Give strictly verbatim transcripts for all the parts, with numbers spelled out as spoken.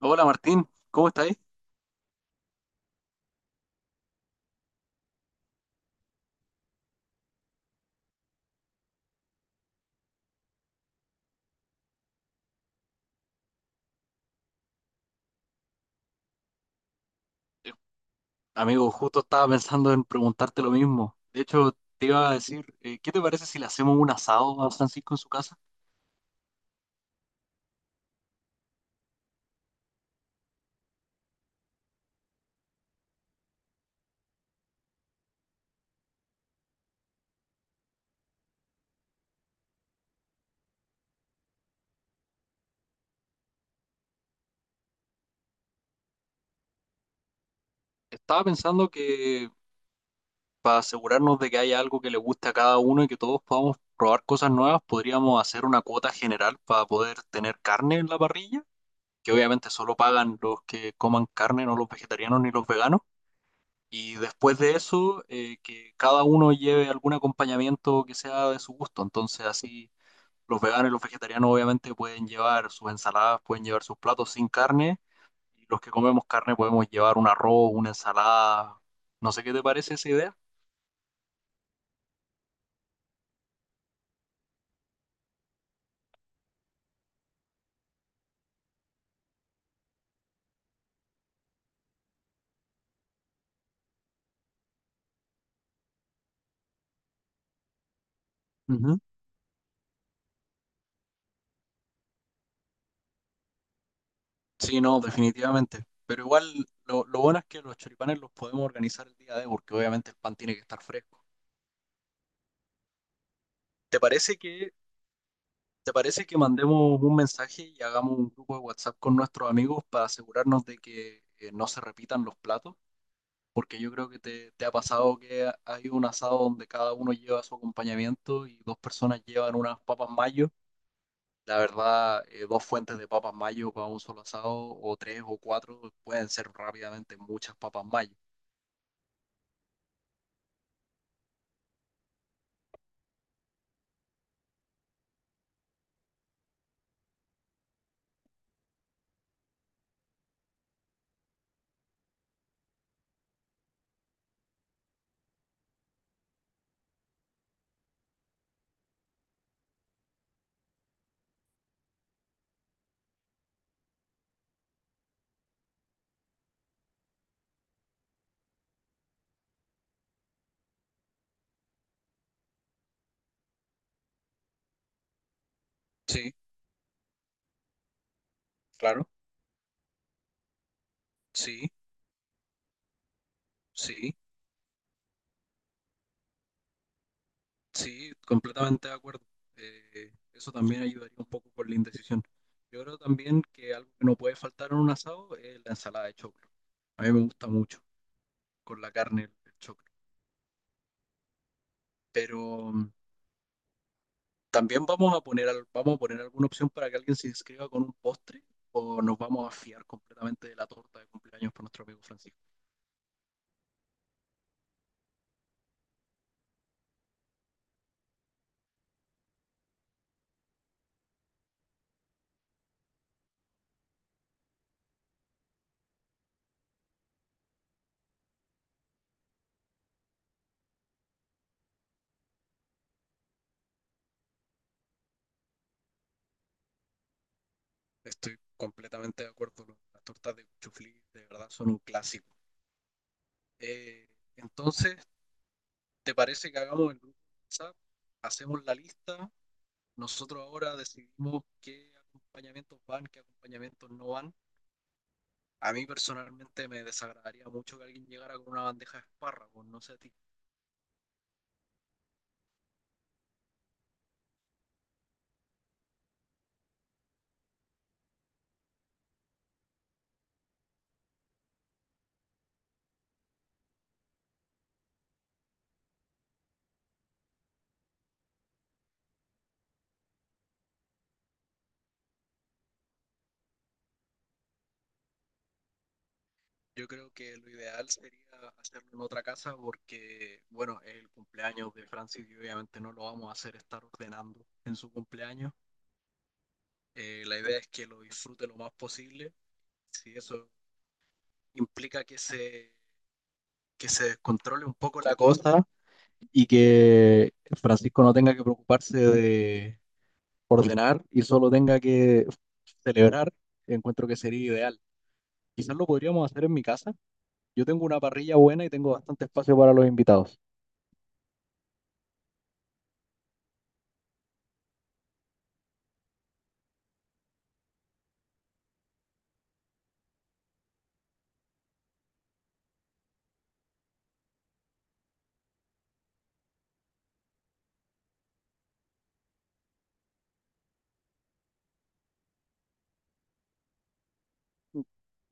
Hola, Martín, ¿cómo estás? Eh, Amigo, justo estaba pensando en preguntarte lo mismo. De hecho, te iba a decir, eh, ¿qué te parece si le hacemos un asado a Francisco en su casa? Estaba pensando que para asegurarnos de que haya algo que le guste a cada uno y que todos podamos probar cosas nuevas, podríamos hacer una cuota general para poder tener carne en la parrilla, que obviamente solo pagan los que coman carne, no los vegetarianos ni los veganos. Y después de eso, eh, que cada uno lleve algún acompañamiento que sea de su gusto. Entonces así los veganos y los vegetarianos obviamente pueden llevar sus ensaladas, pueden llevar sus platos sin carne. Y los que comemos carne podemos llevar un arroz, una ensalada. No sé qué te parece esa idea. Ujú. Sí, no, definitivamente. Pero igual lo, lo bueno es que los choripanes los podemos organizar el día de, porque obviamente el pan tiene que estar fresco. ¿Te parece que, ¿te parece que mandemos un mensaje y hagamos un grupo de WhatsApp con nuestros amigos para asegurarnos de que eh, no se repitan los platos? Porque yo creo que te, te ha pasado que ha- hay un asado donde cada uno lleva su acompañamiento y dos personas llevan unas papas mayo. La verdad, eh, dos fuentes de papas mayo para un solo asado, o tres o cuatro, pueden ser rápidamente muchas papas mayo. Sí, claro, sí, sí, sí, completamente de acuerdo. Eh, eso también ayudaría un poco con la indecisión. Yo creo también que algo que no puede faltar en un asado es la ensalada de choclo. A mí me gusta mucho con la carne el choclo. Pero mm, también vamos a poner, al- vamos a poner alguna opción para que alguien se inscriba con un postre o nos vamos a fiar completamente de la torta de cumpleaños por nuestro amigo Francisco. Estoy completamente de acuerdo. lo- Las tortas de cuchuflí de verdad son un clásico. Eh, entonces, ¿te parece que hagamos el grupo de WhatsApp? Hacemos la lista. Nosotros ahora decidimos qué acompañamientos van, qué acompañamientos no van. A mí personalmente me desagradaría mucho que alguien llegara con una bandeja de espárragos, no sé a ti. Yo creo que lo ideal sería hacerlo en otra casa porque, bueno, es el cumpleaños de Francis y obviamente no lo vamos a hacer estar ordenando en su cumpleaños. Eh, la idea es que lo disfrute lo más posible. Si eso implica que se, que se descontrole un poco la cosa y que Francisco no tenga que preocuparse de ordenar y solo tenga que celebrar, encuentro que sería ideal. Quizás lo podríamos hacer en mi casa. Yo tengo una parrilla buena y tengo bastante espacio para los invitados.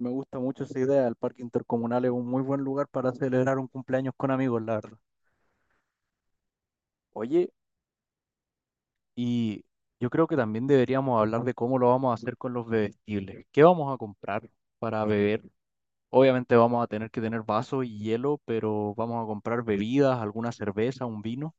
Me gusta mucho esa idea. El parque intercomunal es un muy buen lugar para celebrar un cumpleaños con amigos, la verdad. Oye, y yo creo que también deberíamos hablar de cómo lo vamos a hacer con los bebestibles. ¿Qué vamos a comprar para beber? Obviamente vamos a tener que tener vasos y hielo, pero vamos a comprar bebidas, alguna cerveza, un vino.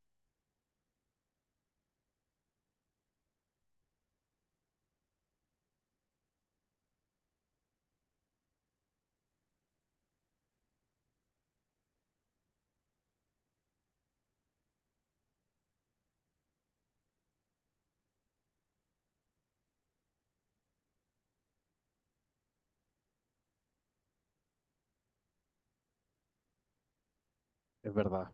Es verdad.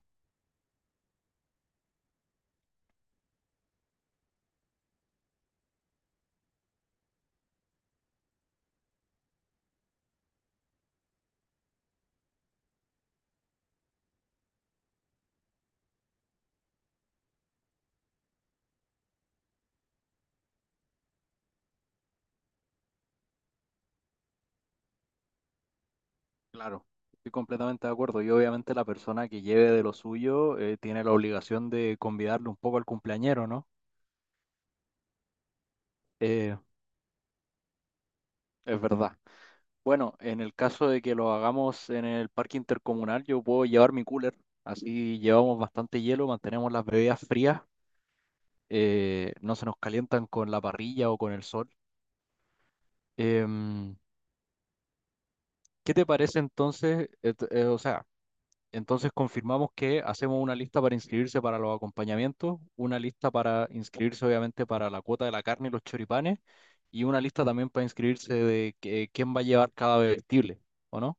Claro, estoy completamente de acuerdo. Y obviamente la persona que lleve de lo suyo eh, tiene la obligación de convidarle un poco al cumpleañero, ¿no? Eh, es verdad. Bueno, en el caso de que lo hagamos en el parque intercomunal, yo puedo llevar mi cooler. Así llevamos bastante hielo, mantenemos las bebidas frías, eh, no se nos calientan con la parrilla o con el sol. Em, ¿qué te parece entonces? Et- eh, o sea, entonces confirmamos que hacemos una lista para inscribirse para los acompañamientos, una lista para inscribirse obviamente para la cuota de la carne y los choripanes, y una lista también para inscribirse de que- quién va a llevar cada bebestible, ¿o no?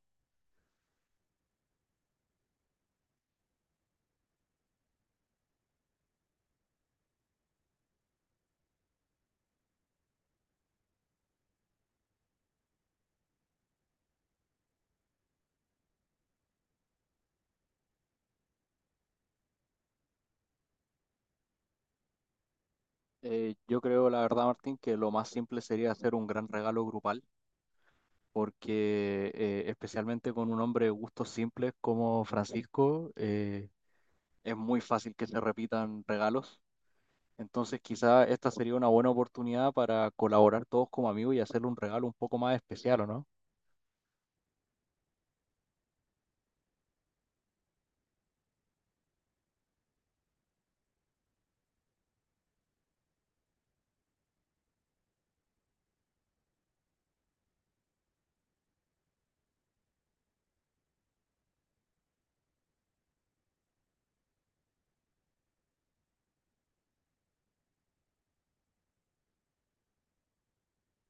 Eh, yo creo, la verdad, Martín, que lo más simple sería hacer un gran regalo grupal, porque eh, especialmente con un hombre de gustos simples como Francisco, eh, es muy fácil que se repitan regalos. Entonces, quizá esta sería una buena oportunidad para colaborar todos como amigos y hacerle un regalo un poco más especial, ¿o no?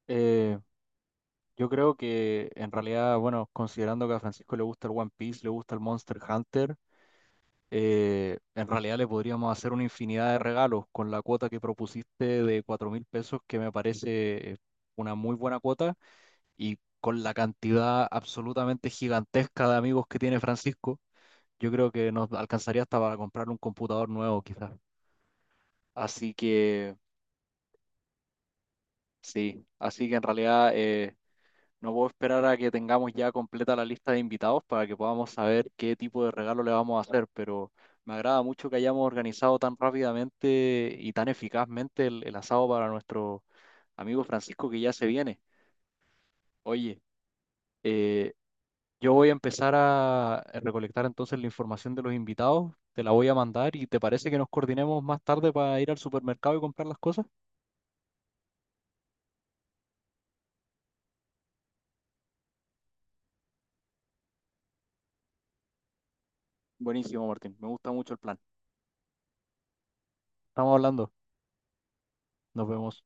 Eh, yo creo que en realidad, bueno, considerando que a Francisco le gusta el One Piece, le gusta el Monster Hunter, eh, en realidad le podríamos hacer una infinidad de regalos con la cuota que propusiste de cuatro mil pesos, que me parece eh, una muy buena cuota, y con la cantidad absolutamente gigantesca de amigos que tiene Francisco, yo creo que nos alcanzaría hasta para comprar un computador nuevo quizás. Así que sí, así que en realidad... eh, no puedo esperar a que tengamos ya completa la lista de invitados para que podamos saber qué tipo de regalo le vamos a hacer, pero me agrada mucho que hayamos organizado tan rápidamente y tan eficazmente el, el asado para nuestro amigo Francisco que ya se viene. Oye, eh, yo voy a empezar a recolectar entonces la información de los invitados, te la voy a mandar y ¿te parece que nos coordinemos más tarde para ir al supermercado y comprar las cosas? Buenísimo, Martín, me gusta mucho el plan. Estamos hablando, nos vemos.